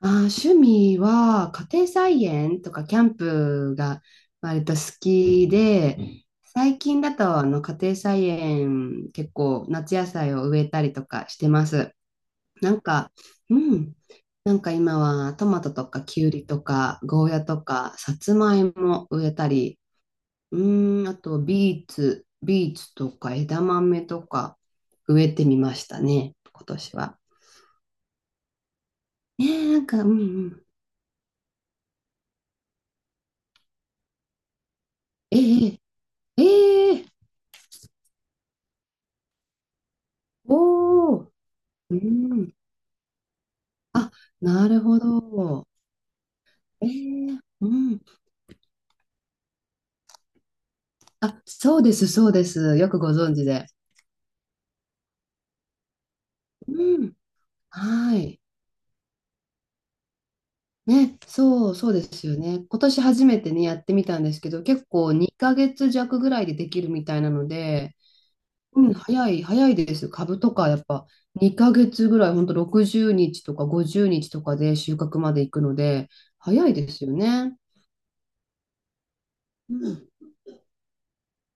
趣味は家庭菜園とかキャンプが割と好きで、うん。最近だと家庭菜園、結構夏野菜を植えたりとかしてます。なんか、うん、なんか今はトマトとかキュウリとかゴーヤとかさつまいも植えたり、うん、あとビーツ、とか枝豆とか植えてみましたね、今年は。ねえ、なんか、うんうん。ええええおお、うん。あ、なるほど。ええ、うん。あ、そうです。よくご存知で。うん。はい。そうですよね。今年初めてね、やってみたんですけど、結構2ヶ月弱ぐらいでできるみたいなので、うん、早いですよ。株とか、やっぱ2ヶ月ぐらい、ほんと60日とか50日とかで収穫まで行くので、早いですよね。うん。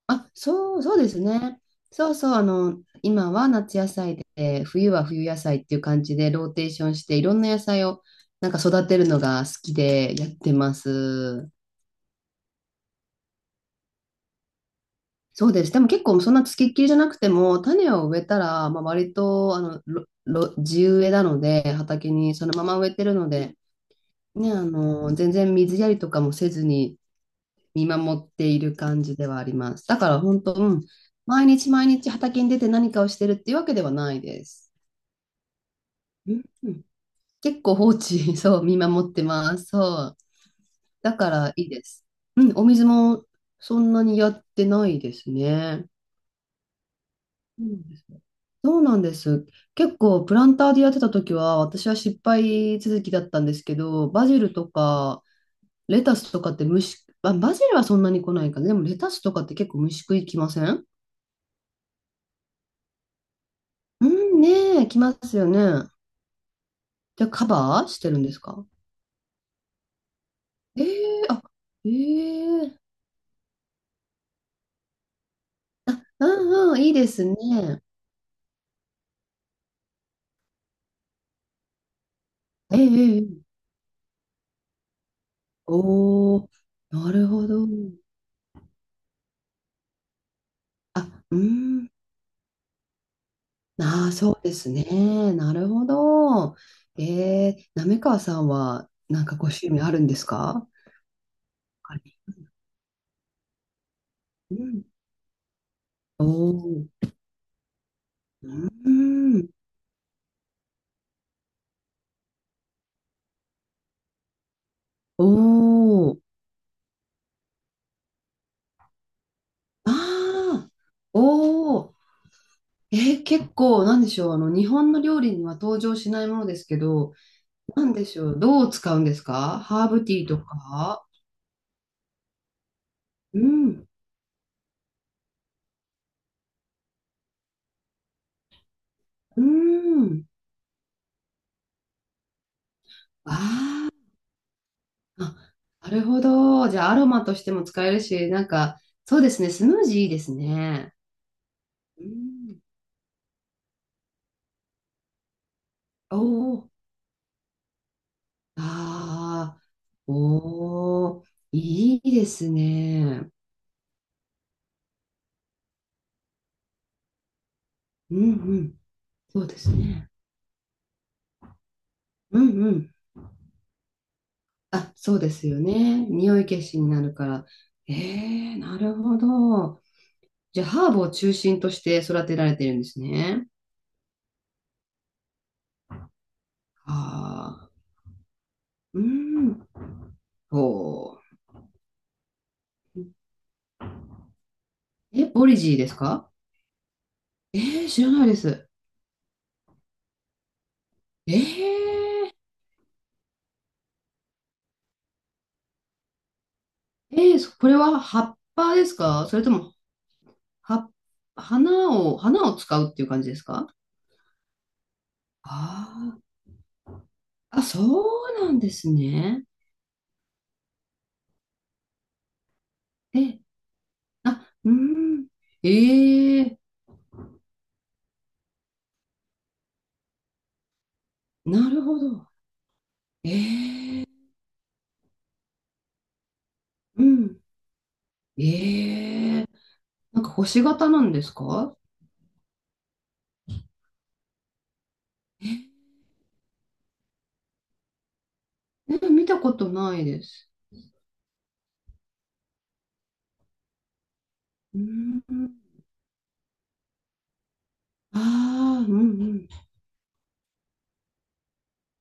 あ、そうですね。今は夏野菜で、冬は冬野菜っていう感じでローテーションして、いろんな野菜を育てるのが好きでやってます。そうです。でも結構そんなつきっきりじゃなくても、種を植えたら、まあ、割とあのろろ地植えなので、畑にそのまま植えてるので、ね、全然水やりとかもせずに、見守っている感じではあります。だから本当、うん、毎日毎日畑に出て何かをしてるっていうわけではないです。うんうん。結構放置、そう、見守ってます。そう。だからいいです。うん、お水もそんなにやってないですね。うん、そうなんです。結構プランターでやってた時は私は失敗続きだったんですけど、バジルとかレタスとかって虫、あ、バジルはそんなに来ないかな。でもレタスとかって結構虫食いきません？うん、ねえ、来ますよね。じゃあカバーしてるんですか？ええ、あ、ええ、あ、うんうん、いいですね。ええええ、おおー、なるほど。あ、うん、ああ、そうですね。なるほど。ええー、滑川さんは、ご趣味あるんですか？他に。うん。おおー、うん、おお、ああ、おお、えー結構、なんでしょう、あの、日本の料理には登場しないものですけど、なんでしょう、どう使うんですか？ハーブティーとか。うん、うん。あー、あ、なるほど。じゃあ、アロマとしても使えるし、そうですね、スムージーいいですね。うん。おー、ああ、おー、いいですね。うんうん、そうですね。うんうん。あ、そうですよね。匂い消しになるから。ええ、なるほど。じゃあ、ハーブを中心として育てられてるんですね。ああ、うん。ほう。え、ボリジーですか？ええ、知らないです。ええ、ええ、そこれは葉っぱですか、それとも、は、花を使うっていう感じですか？あ、ああ、そうなんですね。え、あ、うん。ええ、なるほど。え、うん。ええ、なんか星型なんですか？え、え、見たことないです。うん。ああ、うんうん。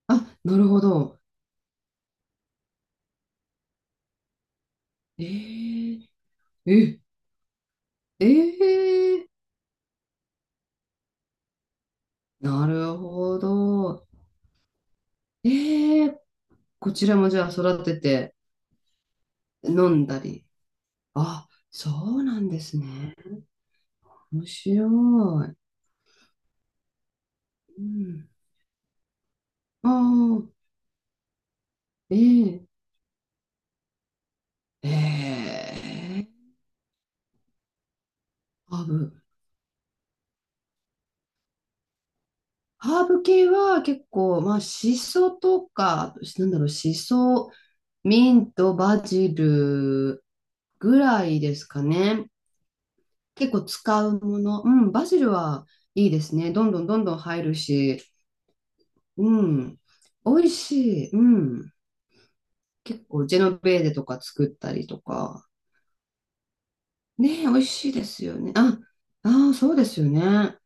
あ、なるほど。え、ええ、ええ、なるほど。ええ、こちらもじゃあ育てて飲んだり。あ、そうなんですね。面白い。うん。ああ、ええええ。ハーブ。ハーブ系は結構、まあ、シソとか、なんだろう、シソ、ミント、バジルぐらいですかね。結構使うもの。うん、バジルはいいですね。どんどん入るし、うん、美味しい。うん。結構、ジェノベーゼとか作ったりとか。ねえ、美味しいですよね。あ、ああ、そうですよね。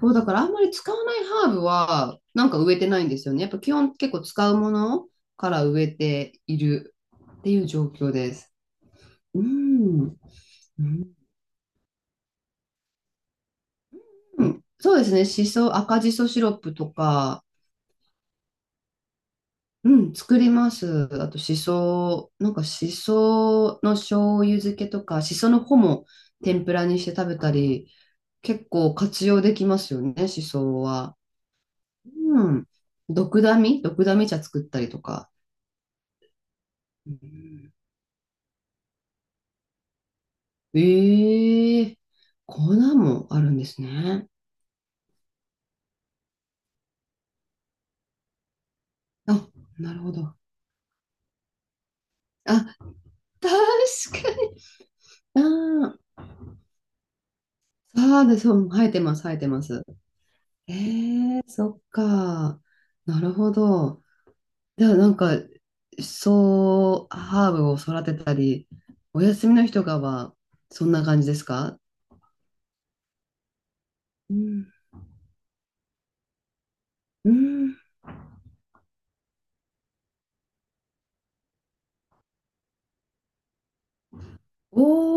そう、だからあんまり使わないハーブは、植えてないんですよね。やっぱ基本結構使うものから植えているっていう状況です。うん。うん。そうですね。しそ、赤じそシロップとか、うん、作ります。あと、しそ、しその醤油漬けとか、しその穂も天ぷらにして食べたり、結構活用できますよね、しそは。うん。ドクダミ茶作ったりとか。うん、ええ、粉もあるんですね。あ、なるほど。あ、確かに。ああ、そうです。生えてます。え、そっか。なるほど。じゃあ、ハーブを育てたり、お休みの日とかは、そんな感じですか？うん。うん。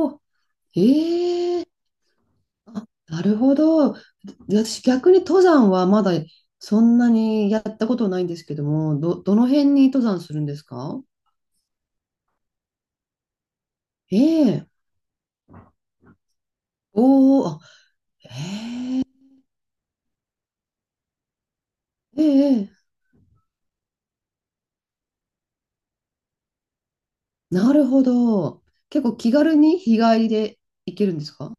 おー、ええ、あ、なるほど。私、逆に登山はまだそんなにやったことないんですけども、どの辺に登山するんですか？ええ。おお、あ、ええ、ええ、なるほど。結構気軽に日帰りで行けるんですか？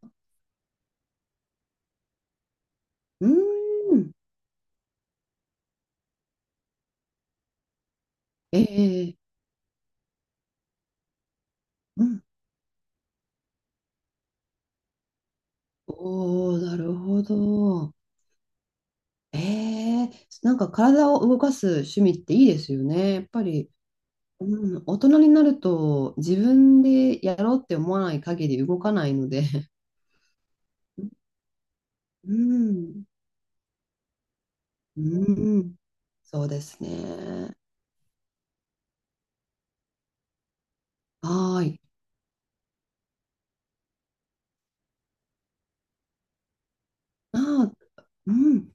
うーん。ええ、うん。おお、なるほど。ええ、体を動かす趣味っていいですよね。やっぱり、うん、大人になると自分でやろうって思わない限り動かないので、 うん、うん、そうですね。はーい。あー、うん、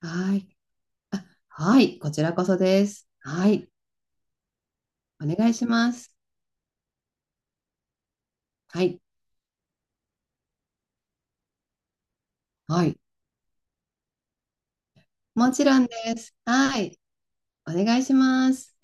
はーい。あ、はい、こちらこそです。はい、お願いします。はい、はい、もちろんです。はい、お願いします。